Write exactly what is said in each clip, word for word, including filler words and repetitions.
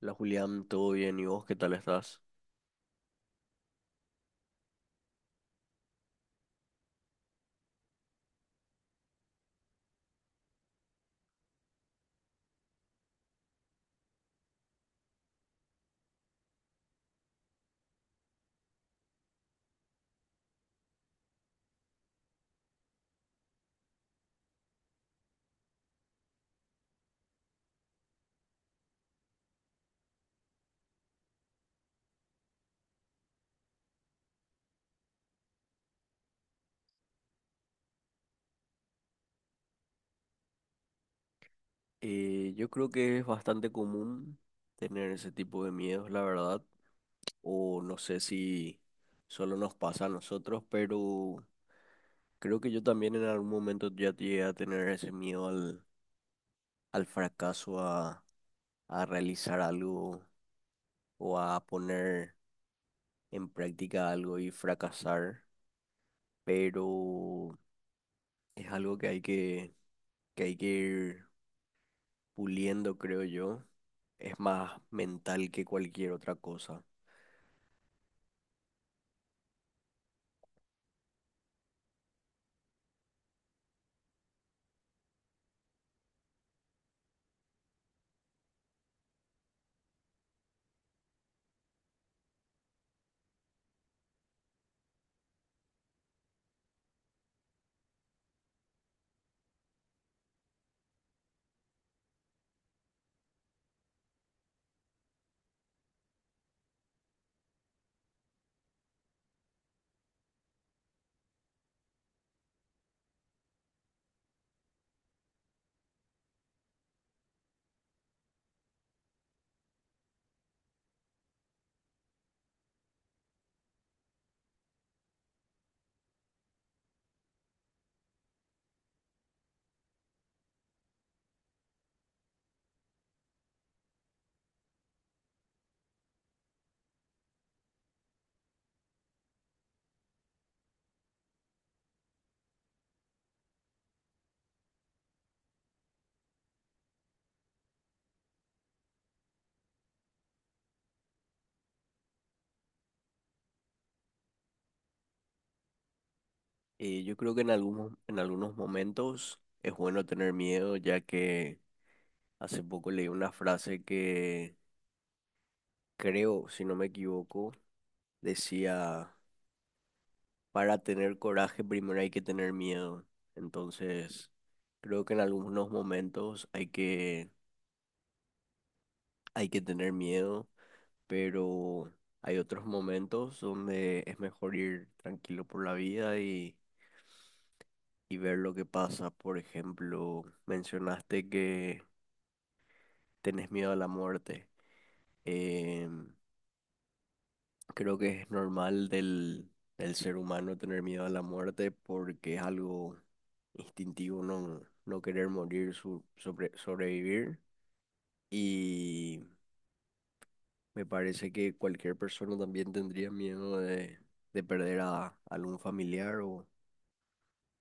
La Julián, ¿todo bien? ¿Y vos qué tal estás? Eh, yo creo que es bastante común tener ese tipo de miedos, la verdad, o no sé si solo nos pasa a nosotros, pero creo que yo también en algún momento ya llegué a tener ese miedo al, al fracaso, a, a realizar algo o a poner en práctica algo y fracasar, pero es algo que hay que, que hay que ir puliendo, creo yo es más mental que cualquier otra cosa. Eh, yo creo que en algunos, en algunos momentos es bueno tener miedo, ya que hace poco leí una frase que creo, si no me equivoco, decía, para tener coraje primero hay que tener miedo. Entonces, creo que en algunos momentos hay que, hay que tener miedo, pero hay otros momentos donde es mejor ir tranquilo por la vida y y ver lo que pasa. Por ejemplo, mencionaste que tenés miedo a la muerte. Em, Creo que es normal del, del ser humano tener miedo a la muerte porque es algo instintivo no, no querer morir, su- sobre- sobrevivir. Y me parece que cualquier persona también tendría miedo de, de perder a algún familiar o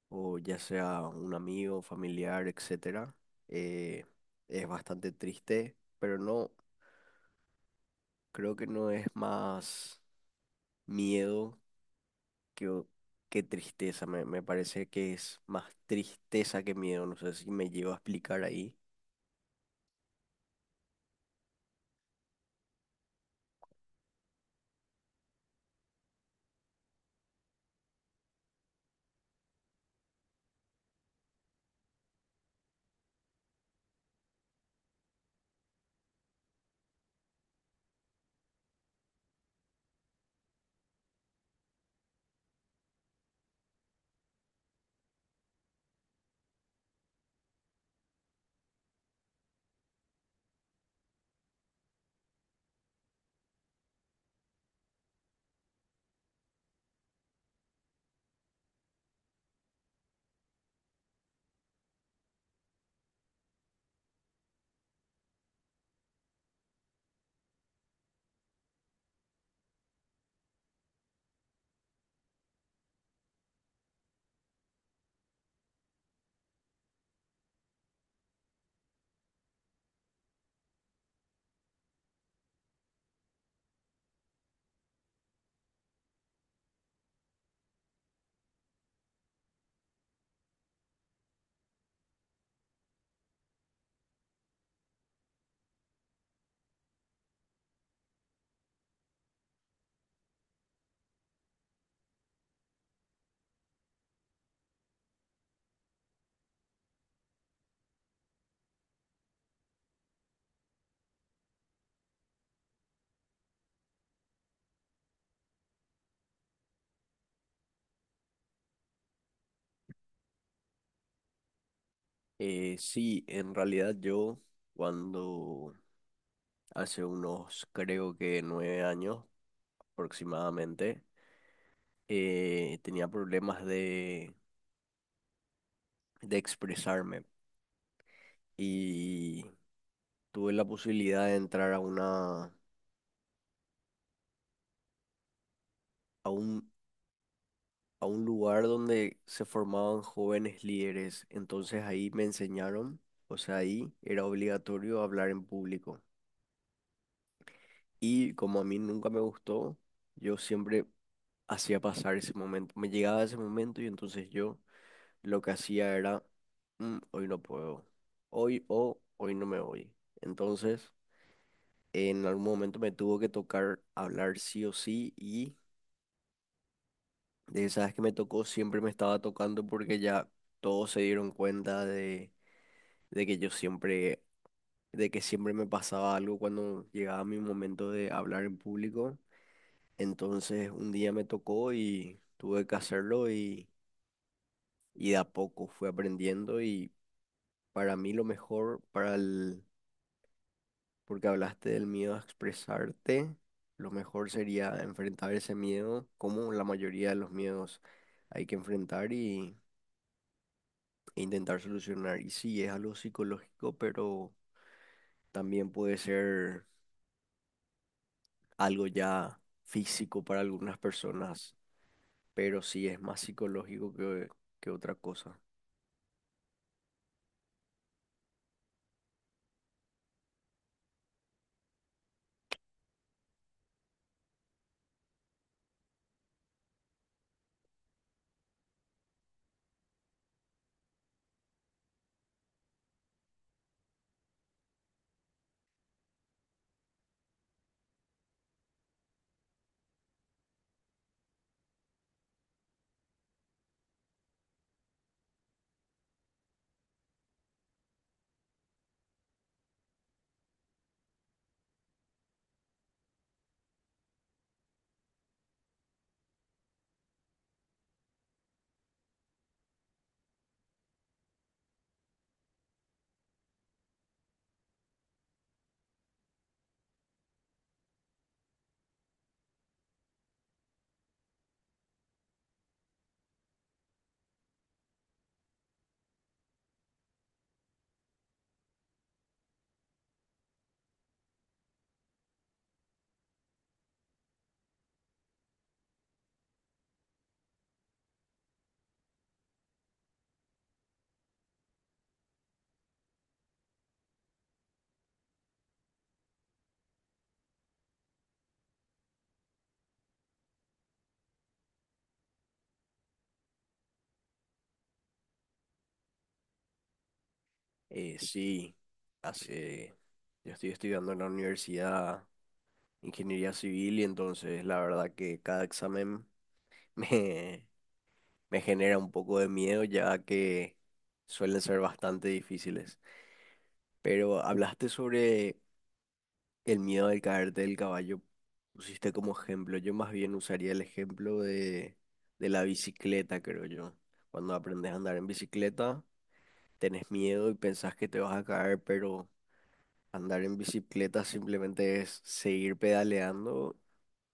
o ya sea un amigo, familiar, etcétera, eh, es bastante triste, pero no, creo que no es más miedo que, o- que tristeza, me, me parece que es más tristeza que miedo, no sé si me llevo a explicar ahí. Eh, sí, en realidad yo cuando hace unos creo que nueve años aproximadamente, eh, tenía problemas de, de expresarme. Y Tuve la posibilidad de entrar a una, a un, a un lugar donde se formaban jóvenes líderes. Entonces ahí me enseñaron, o sea, ahí era obligatorio hablar en público. Y como a mí nunca me gustó, yo siempre hacía pasar ese momento. Me llegaba ese momento y entonces yo lo que hacía era, "Mm, hoy no puedo, hoy o hoy no me voy". Entonces, en algún momento me tuvo que tocar hablar sí o sí y de esas que me tocó, siempre me estaba tocando porque ya todos se dieron cuenta de, de que yo siempre, de que siempre me pasaba algo cuando llegaba mi momento de hablar en público. Entonces un día me tocó y tuve que hacerlo y, y de a poco fui aprendiendo y para mí lo mejor, para el, porque hablaste del miedo a expresarte, lo mejor sería enfrentar ese miedo como la mayoría de los miedos hay que enfrentar e intentar solucionar. Y sí, es algo psicológico, pero también puede ser algo ya físico para algunas personas, pero sí es más psicológico que, que otra cosa. Eh, sí, hace, yo estoy estudiando en la universidad ingeniería civil y entonces la verdad que cada examen me, me genera un poco de miedo ya que suelen ser bastante difíciles. Pero hablaste sobre el miedo de caerte del caballo pusiste como ejemplo. Yo más bien usaría el ejemplo de, de la bicicleta, creo yo. Cuando aprendes a andar en bicicleta, tenés miedo y pensás que te vas a caer, pero andar en bicicleta simplemente es seguir pedaleando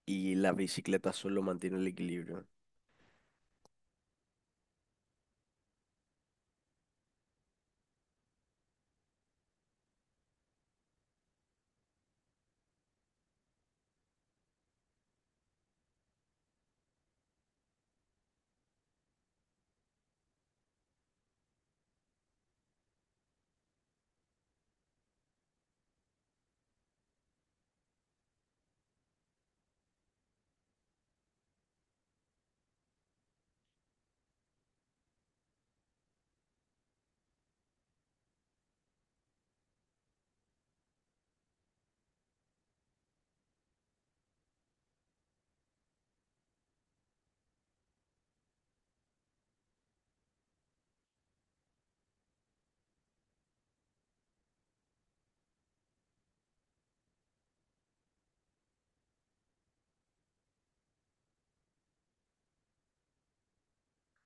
y la bicicleta solo mantiene el equilibrio.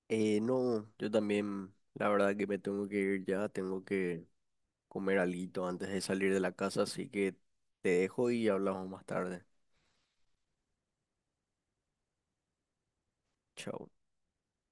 Eh, no, yo también, la verdad que me tengo que ir ya, tengo que comer alguito antes de salir de la casa, así que te dejo y hablamos más tarde. Chao.